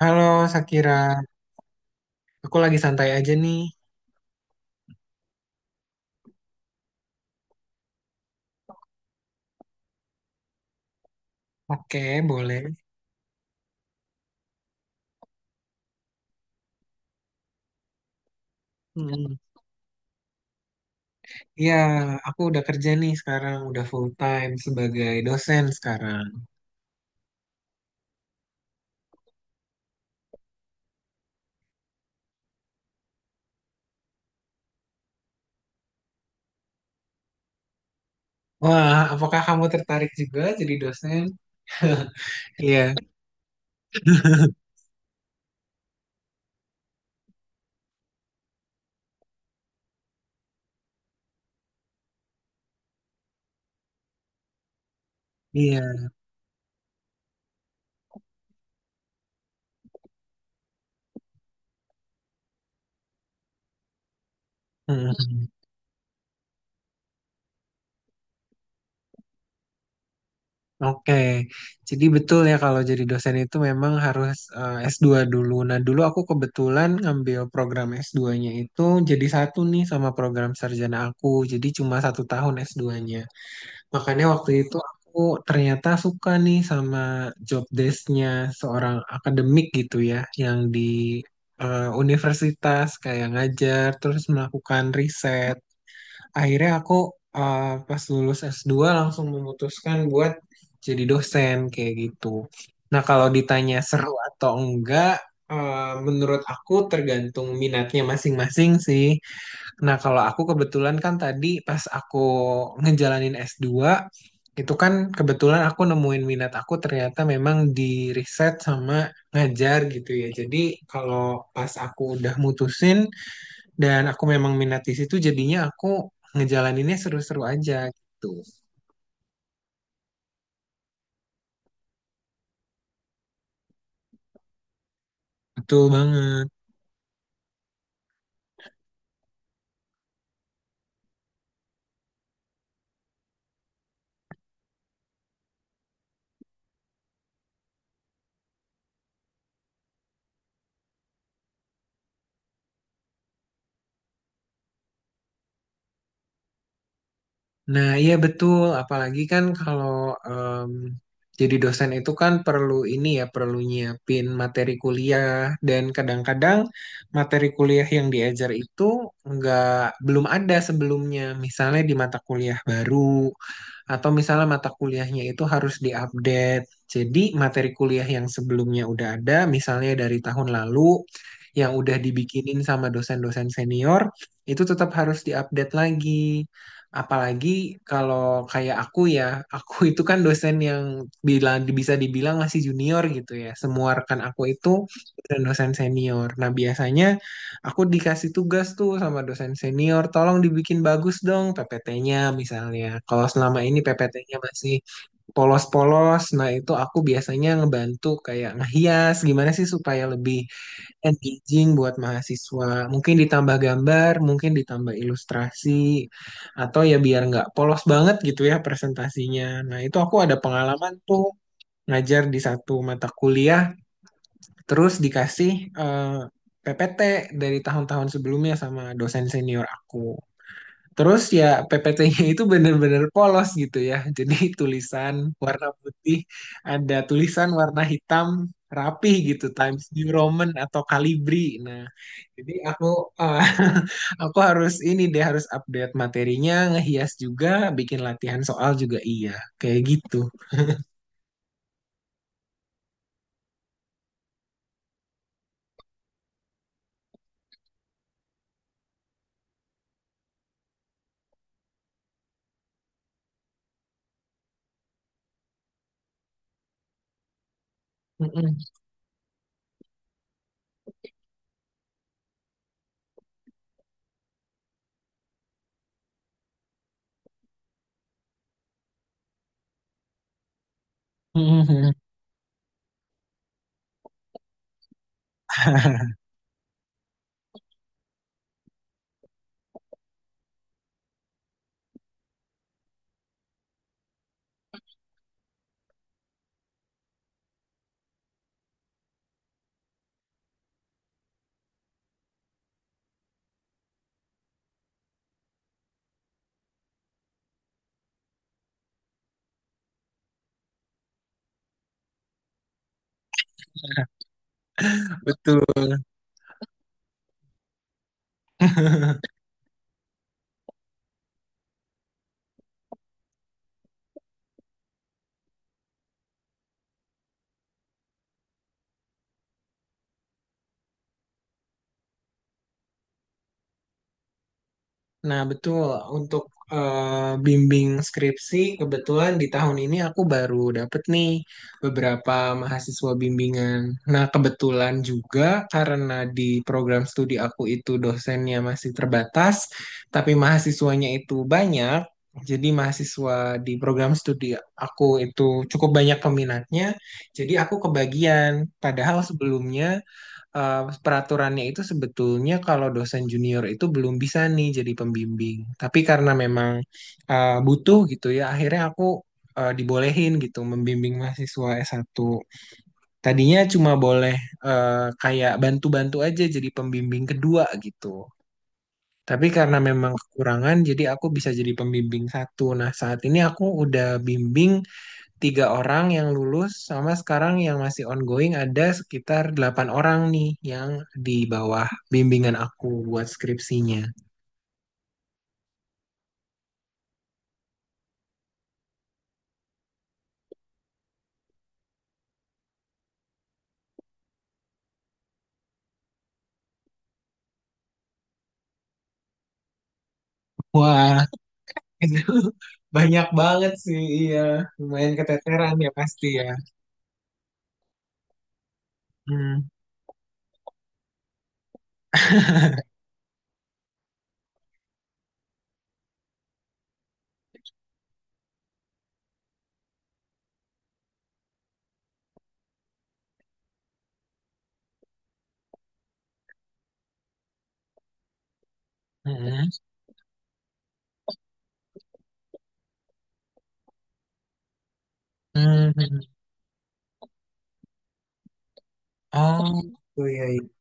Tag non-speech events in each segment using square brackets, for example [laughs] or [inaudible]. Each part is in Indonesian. Halo Sakira, aku lagi santai aja nih. Oke, boleh. Hmm. Iya, aku udah kerja nih sekarang, udah full time sebagai dosen sekarang. Wah, apakah kamu tertarik juga jadi dosen? Iya, iya. Hmm. Oke, jadi betul ya kalau jadi dosen itu memang harus S2 dulu. Nah, dulu aku kebetulan ngambil program S2-nya itu jadi satu nih sama program sarjana aku. Jadi cuma satu tahun S2-nya. Makanya waktu itu aku ternyata suka nih sama job desk-nya seorang akademik gitu ya, yang di universitas kayak ngajar, terus melakukan riset. Akhirnya aku eh, pas lulus S2 langsung memutuskan buat jadi dosen kayak gitu. Nah, kalau ditanya seru atau enggak, eh, menurut aku tergantung minatnya masing-masing sih. Nah, kalau aku kebetulan kan tadi pas aku ngejalanin S2, itu kan kebetulan aku nemuin minat aku ternyata memang di riset sama ngajar gitu ya. Jadi kalau pas aku udah mutusin dan aku memang minat di situ, jadinya aku ngejalaninnya seru-seru aja gitu. Betul banget. Nah, iya betul. Apalagi kan kalau em, jadi dosen itu kan perlu ini ya, perlu nyiapin materi kuliah dan kadang-kadang materi kuliah yang diajar itu nggak belum ada sebelumnya. Misalnya di mata kuliah baru. Atau misalnya mata kuliahnya itu harus diupdate. Jadi materi kuliah yang sebelumnya udah ada, misalnya dari tahun lalu, yang udah dibikinin sama dosen-dosen senior, itu tetap harus diupdate lagi. Apalagi kalau kayak aku ya, aku itu kan dosen yang bilang bisa dibilang masih junior gitu ya. Semua rekan aku itu dosen-dosen senior. Nah, biasanya aku dikasih tugas tuh sama dosen senior, tolong dibikin bagus dong PPT-nya misalnya. Kalau selama ini PPT-nya masih polos-polos, nah itu aku biasanya ngebantu kayak ngehias gimana sih supaya lebih engaging buat mahasiswa. Mungkin ditambah gambar, mungkin ditambah ilustrasi, atau ya biar nggak polos banget gitu ya presentasinya. Nah itu aku ada pengalaman tuh ngajar di satu mata kuliah. Terus dikasih eh, PPT dari tahun-tahun sebelumnya sama dosen senior aku. Terus ya PPT-nya itu bener-bener polos gitu ya. Jadi [laughs] tulisan warna putih, ada tulisan warna hitam rapih gitu, Times New Roman atau Calibri. Nah, jadi aku eh, [laughs] aku harus ini deh harus update materinya, ngehias juga, bikin latihan soal juga iya, kayak gitu. Mm-mm. [laughs] Betul. Nah, betul. Untuk bimbing skripsi, kebetulan di tahun ini aku baru dapet nih beberapa mahasiswa bimbingan. Nah, kebetulan juga karena di program studi aku itu dosennya masih terbatas, tapi mahasiswanya itu banyak. Jadi mahasiswa di program studi aku itu cukup banyak peminatnya. Jadi aku kebagian. Padahal sebelumnya eh, peraturannya itu sebetulnya kalau dosen junior itu belum bisa nih jadi pembimbing. Tapi karena memang butuh gitu ya, akhirnya aku dibolehin gitu membimbing mahasiswa S1. Tadinya cuma boleh kayak bantu-bantu aja jadi pembimbing kedua gitu. Tapi karena memang kekurangan, jadi aku bisa jadi pembimbing satu. Nah, saat ini aku udah bimbing tiga orang yang lulus sama sekarang yang masih ongoing ada sekitar delapan orang nih yang di bawah bimbingan aku buat skripsinya. Wah, [laughs] itu banyak banget sih, iya. Lumayan keteteran ya pasti ya. Hmm. [laughs] Hmm. Hmm. Oh, gitu ya.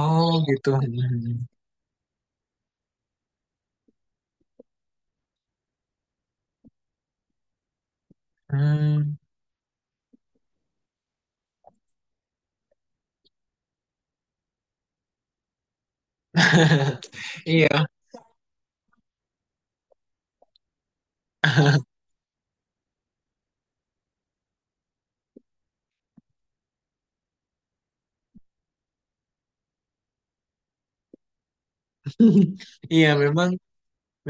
Oh, gitu. Hmm. Hmm. Iya. [laughs] Iya, memang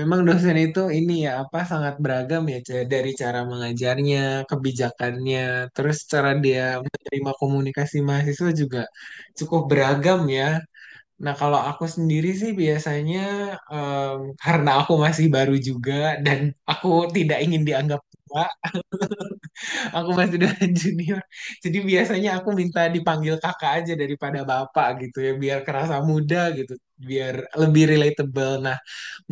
memang dosen itu ini ya apa sangat beragam ya C- dari cara mengajarnya, kebijakannya, terus cara dia menerima komunikasi mahasiswa juga cukup beragam ya. Nah, kalau aku sendiri sih biasanya karena aku masih baru juga dan aku tidak ingin dianggap tua, aku masih dengan [laughs] junior. Jadi biasanya aku minta dipanggil kakak aja daripada bapak gitu ya, biar kerasa muda gitu, biar lebih relatable. Nah,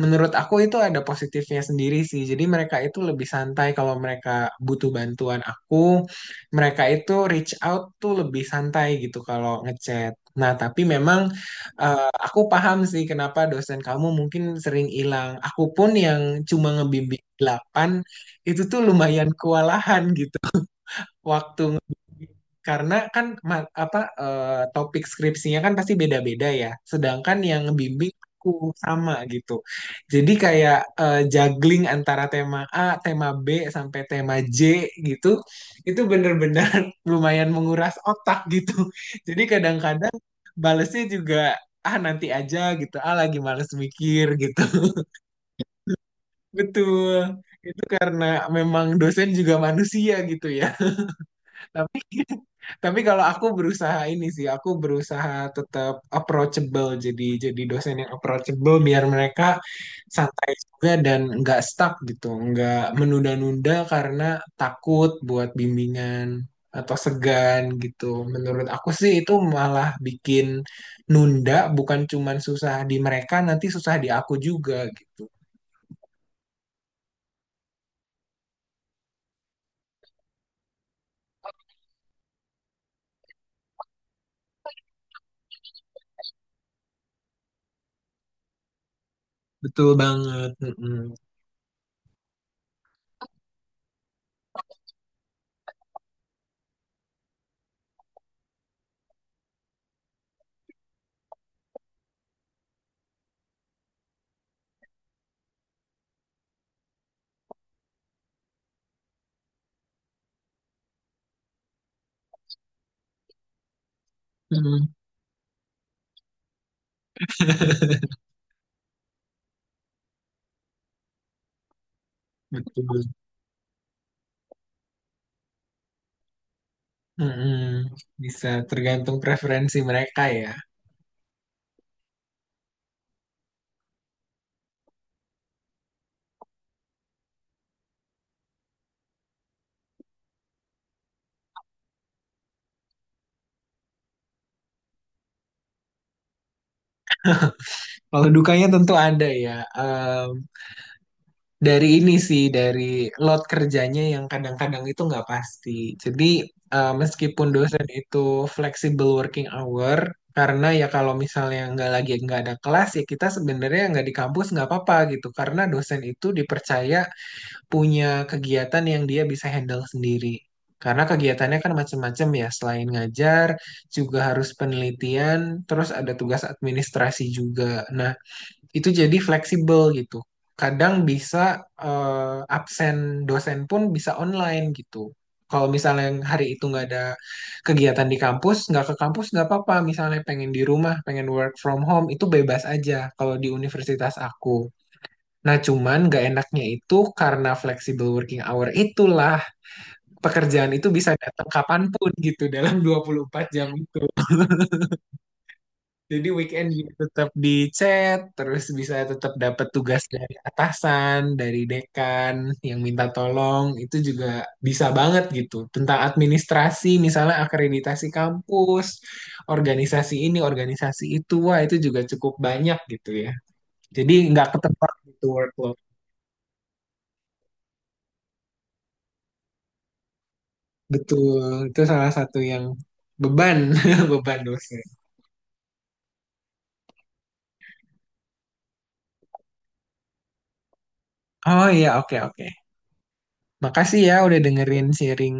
menurut aku itu ada positifnya sendiri sih. Jadi mereka itu lebih santai kalau mereka butuh bantuan aku. Mereka itu reach out tuh lebih santai gitu kalau ngechat. Nah, tapi memang aku paham sih kenapa dosen kamu mungkin sering hilang. Aku pun yang cuma ngebimbing 8 itu tuh lumayan kewalahan gitu. Waktu karena kan topik skripsinya kan pasti beda-beda ya. Sedangkan yang bimbing aku sama gitu. Jadi kayak juggling antara tema A, tema B sampai tema J gitu, itu bener-bener [laughs] lumayan menguras otak gitu. Jadi kadang-kadang balesnya juga ah nanti aja gitu, ah lagi males mikir gitu. [laughs] Betul. Itu karena memang dosen juga manusia gitu ya. Tapi kalau aku berusaha ini sih, aku berusaha tetap approachable, jadi dosen yang approachable biar mereka santai juga dan nggak stuck gitu, nggak menunda-nunda karena takut buat bimbingan atau segan gitu. Menurut aku sih itu malah bikin nunda, bukan cuman susah di mereka, nanti susah di aku juga gitu. Betul banget. Mm-mm. Mm-mm. Betul. Mm-mm. Bisa tergantung preferensi mereka ya. Kalau dukanya tentu ada ya. Em, dari ini sih, dari load kerjanya yang kadang-kadang itu nggak pasti. Jadi meskipun dosen itu flexible working hour, karena ya kalau misalnya nggak ada kelas ya kita sebenarnya nggak di kampus nggak apa-apa gitu. Karena dosen itu dipercaya punya kegiatan yang dia bisa handle sendiri. Karena kegiatannya kan macam-macam ya, selain ngajar juga harus penelitian, terus ada tugas administrasi juga. Nah, itu jadi fleksibel gitu. Kadang bisa absen dosen pun bisa online gitu. Kalau misalnya yang hari itu nggak ada kegiatan di kampus, nggak ke kampus nggak apa-apa. Misalnya pengen di rumah, pengen work from home, itu bebas aja kalau di universitas aku. Nah, cuman nggak enaknya itu karena flexible working hour itulah pekerjaan itu bisa datang kapanpun gitu dalam 24 jam itu. Jadi weekend juga tetap di chat, terus bisa tetap dapat tugas dari atasan, dari dekan yang minta tolong, itu juga bisa banget gitu. Tentang administrasi, misalnya akreditasi kampus, organisasi ini, organisasi itu, wah itu juga cukup banyak gitu ya. Jadi nggak ketebak gitu workload. Betul, itu salah satu yang beban, [laughs] beban dosen. Oh iya, oke oke. Makasih ya udah dengerin sharing